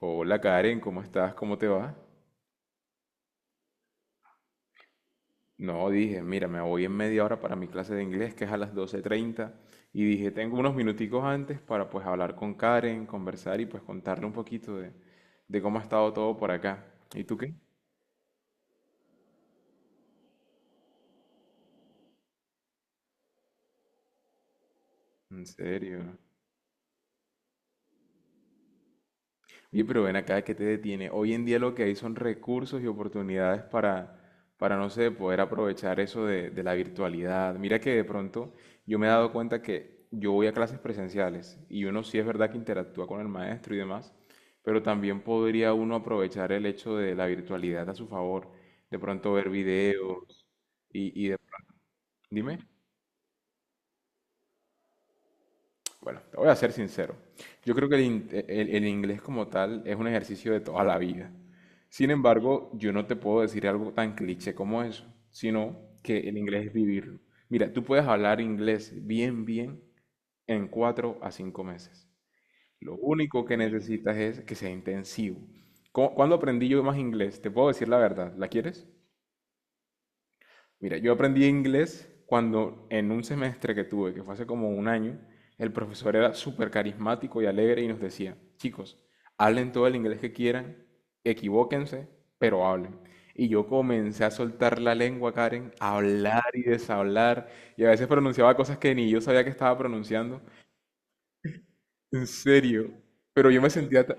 Hola Karen, ¿cómo estás? ¿Cómo te va? No, dije, mira, me voy en media hora para mi clase de inglés, que es a las 12:30 y dije, tengo unos minuticos antes para pues hablar con Karen, conversar y pues contarle un poquito de cómo ha estado todo por acá. ¿Y tú qué? ¿En serio? Oye, pero ven acá. ¿Que te detiene? Hoy en día lo que hay son recursos y oportunidades para no sé, poder aprovechar eso de la virtualidad. Mira que de pronto yo me he dado cuenta que yo voy a clases presenciales y uno sí es verdad que interactúa con el maestro y demás, pero también podría uno aprovechar el hecho de la virtualidad a su favor. De pronto ver videos y, y de- dime. Bueno, te voy a ser sincero. Yo creo que el inglés como tal es un ejercicio de toda la vida. Sin embargo, yo no te puedo decir algo tan cliché como eso, sino que el inglés es vivirlo. Mira, tú puedes hablar inglés bien, bien en 4 a 5 meses. Lo único que necesitas es que sea intensivo. ¿Cuándo aprendí yo más inglés? Te puedo decir la verdad. ¿La quieres? Mira, yo aprendí inglés cuando en un semestre que tuve, que fue hace como un año, el profesor era súper carismático y alegre y nos decía, chicos, hablen todo el inglés que quieran, equivóquense, pero hablen. Y yo comencé a soltar la lengua, Karen, a hablar y deshablar, y a veces pronunciaba cosas que ni yo sabía que estaba pronunciando, en serio. Pero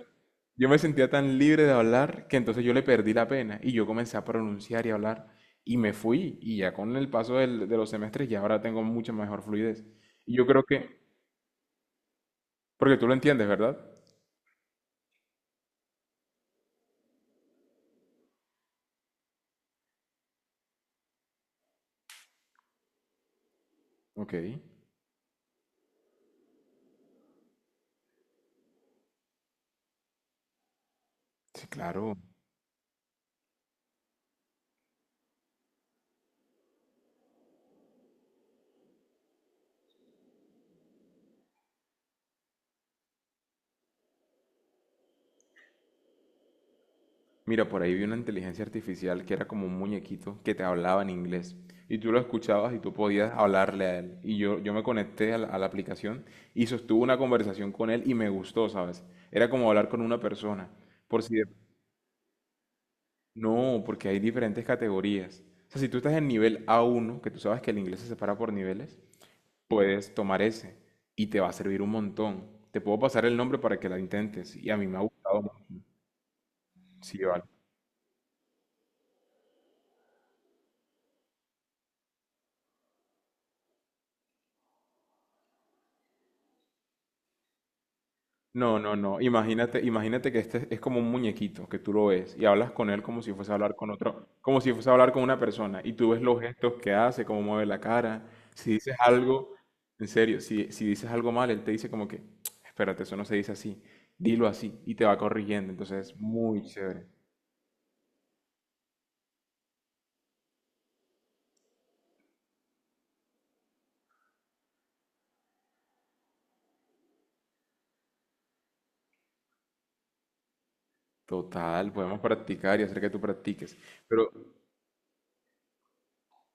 yo me sentía tan libre de hablar que entonces yo le perdí la pena y yo comencé a pronunciar y hablar y me fui y ya con el paso de los semestres ya ahora tengo mucha mejor fluidez. Y yo creo que, porque tú lo entiendes, ¿verdad? Ok, sí, claro. Mira, por ahí vi una inteligencia artificial que era como un muñequito que te hablaba en inglés y tú lo escuchabas y tú podías hablarle a él. Y yo me conecté a la aplicación y sostuve una conversación con él y me gustó, ¿sabes? Era como hablar con una persona. Por si de- No, porque hay diferentes categorías. O sea, si tú estás en nivel A1, que tú sabes que el inglés se separa por niveles, puedes tomar ese y te va a servir un montón. Te puedo pasar el nombre para que la intentes y a mí me ha gustado mucho. Sí, vale. No, no, no. Imagínate, imagínate que este es como un muñequito que tú lo ves y hablas con él como si fuese a hablar con otro, como si fuese a hablar con una persona y tú ves los gestos que hace, cómo mueve la cara. Si dices algo, en serio, si dices algo mal, él te dice como que, espérate, eso no se dice así, dilo así y te va corrigiendo. Entonces es muy chévere. Total, podemos practicar y hacer que tú practiques. Pero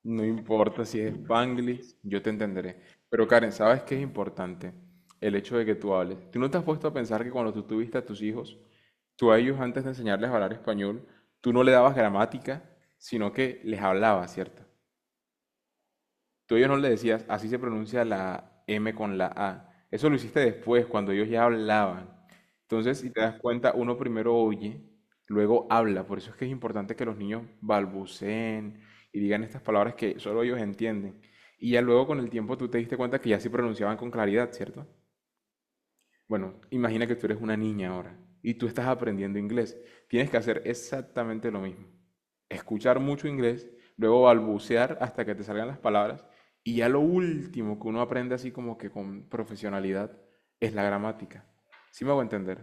no importa si es Spanglish, yo te entenderé. Pero Karen, ¿sabes qué es importante? El hecho de que tú hables. ¿Tú no te has puesto a pensar que cuando tú tuviste a tus hijos, tú a ellos antes de enseñarles a hablar español, tú no le dabas gramática, sino que les hablabas? ¿Cierto? Tú a ellos no le decías, así se pronuncia la M con la A. Eso lo hiciste después, cuando ellos ya hablaban. Entonces, si te das cuenta, uno primero oye, luego habla. Por eso es que es importante que los niños balbuceen y digan estas palabras que solo ellos entienden. Y ya luego con el tiempo tú te diste cuenta que ya sí pronunciaban con claridad, ¿cierto? Bueno, imagina que tú eres una niña ahora y tú estás aprendiendo inglés. Tienes que hacer exactamente lo mismo. Escuchar mucho inglés, luego balbucear hasta que te salgan las palabras y ya lo último que uno aprende así como que con profesionalidad es la gramática. ¿Sí me hago entender?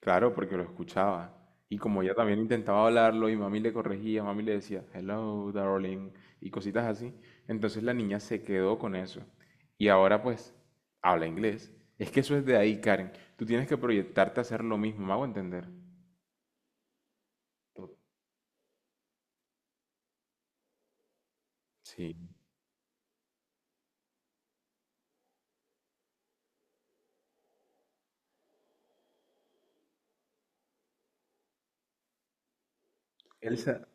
Claro, porque lo escuchaba. Y como ella también intentaba hablarlo y mami le corregía, mami le decía, hello, darling, y cositas así, entonces la niña se quedó con eso. Y ahora pues habla inglés. Es que eso es de ahí, Karen. Tú tienes que proyectarte a hacer lo mismo, me hago entender. Sí. Elsa,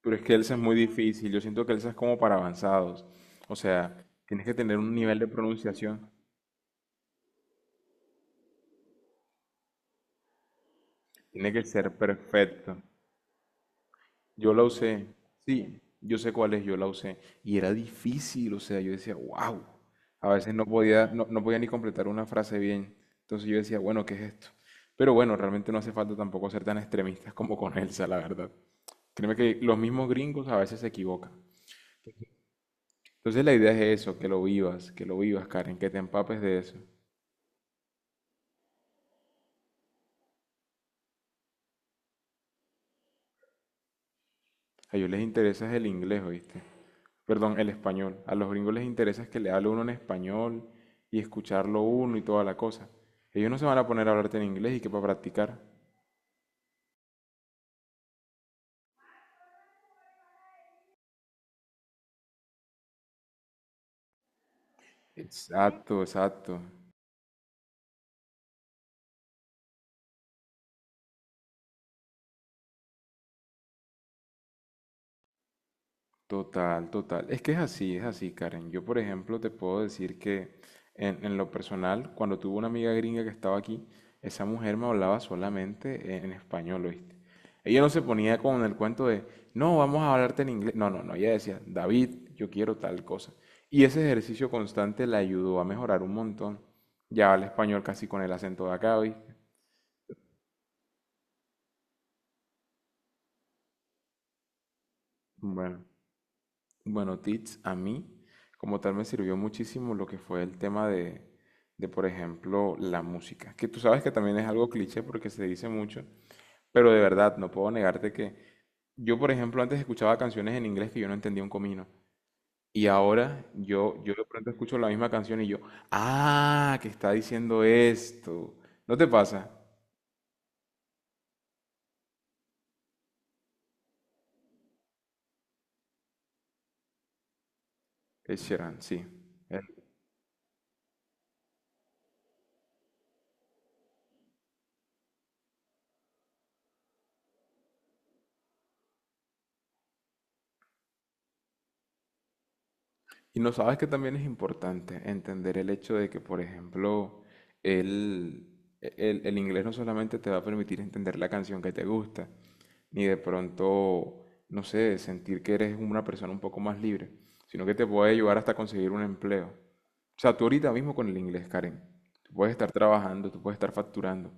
pero es que Elsa es muy difícil. Yo siento que Elsa es como para avanzados. O sea, tienes que tener un nivel de pronunciación. Tiene que ser perfecto. Yo la usé, sí, yo sé cuál es, yo la usé. Y era difícil, o sea, yo decía, wow. A veces no podía, no podía ni completar una frase bien. Entonces yo decía, bueno, ¿qué es esto? Pero bueno, realmente no hace falta tampoco ser tan extremistas como con Elsa, la verdad. Créeme que los mismos gringos a veces se equivocan. Entonces la idea es eso, que lo vivas, Karen, que te empapes de eso. A ellos les interesa es el inglés, ¿oíste? Perdón, el español. A los gringos les interesa es que le hable uno en español y escucharlo uno y toda la cosa. Ellos no se van a poner a hablarte en inglés y que para practicar. Exacto, exacto. Total, total. Es que es así, Karen. Yo, por ejemplo, te puedo decir que en lo personal, cuando tuve una amiga gringa que estaba aquí, esa mujer me hablaba solamente en español, ¿oíste? Ella no se ponía con el cuento de, no, vamos a hablarte en inglés. No, no, no. Ella decía, David, yo quiero tal cosa. Y ese ejercicio constante la ayudó a mejorar un montón. Ya habla español casi con el acento de acá, ¿oíste? Bueno. Bueno, Teach, a mí como tal me sirvió muchísimo lo que fue el tema de, por ejemplo, la música, que tú sabes que también es algo cliché porque se dice mucho, pero de verdad no puedo negarte que yo, por ejemplo, antes escuchaba canciones en inglés que yo no entendía un comino y ahora yo de pronto escucho la misma canción y yo, ah, que está diciendo esto. ¿No te pasa? Es Sheeran, sí. Y no sabes que también es importante entender el hecho de que, por ejemplo, el, el inglés no solamente te va a permitir entender la canción que te gusta, ni de pronto, no sé, sentir que eres una persona un poco más libre, sino que te puede ayudar hasta conseguir un empleo. O sea, tú ahorita mismo con el inglés, Karen, tú puedes estar trabajando, tú puedes estar facturando. O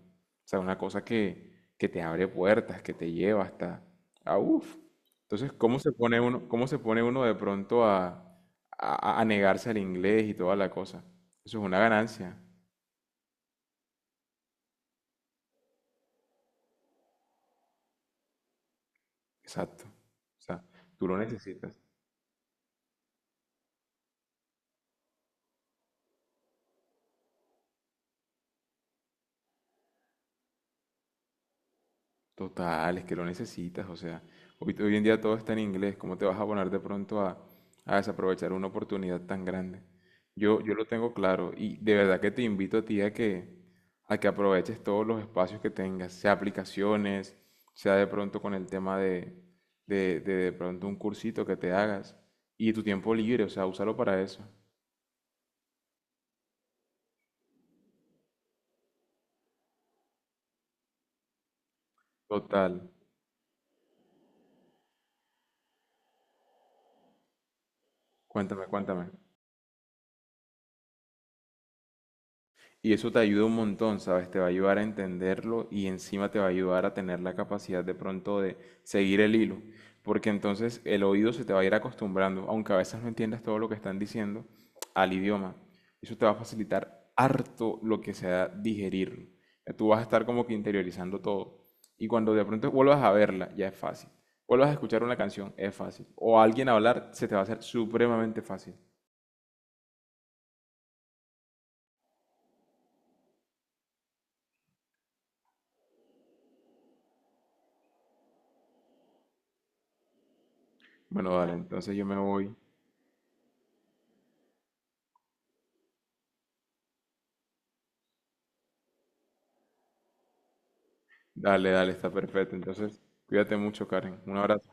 sea, una cosa que te abre puertas, que te lleva hasta... Ah, uff. Entonces, ¿cómo se pone uno, cómo se pone uno de pronto a, a negarse al inglés y toda la cosa? Eso es una ganancia. Exacto. O sea, tú lo necesitas. Total, es que lo necesitas, o sea, hoy en día todo está en inglés, ¿cómo te vas a poner de pronto a desaprovechar una oportunidad tan grande? Yo lo tengo claro y de verdad que te invito a ti a que aproveches todos los espacios que tengas, sea aplicaciones, sea de pronto con el tema de pronto un cursito que te hagas y tu tiempo libre, o sea, úsalo para eso. Total, cuéntame, cuéntame. Y eso te ayuda un montón, ¿sabes? Te va a ayudar a entenderlo y encima te va a ayudar a tener la capacidad de pronto de seguir el hilo, porque entonces el oído se te va a ir acostumbrando, aunque a veces no entiendas todo lo que están diciendo, al idioma. Eso te va a facilitar harto lo que sea digerirlo. Ya tú vas a estar como que interiorizando todo. Y cuando de pronto vuelvas a verla, ya es fácil. Vuelvas a escuchar una canción, es fácil. O a alguien hablar, se te va a hacer supremamente fácil. Bueno, dale, entonces yo me voy. Dale, dale, está perfecto. Entonces, cuídate mucho, Karen. Un abrazo.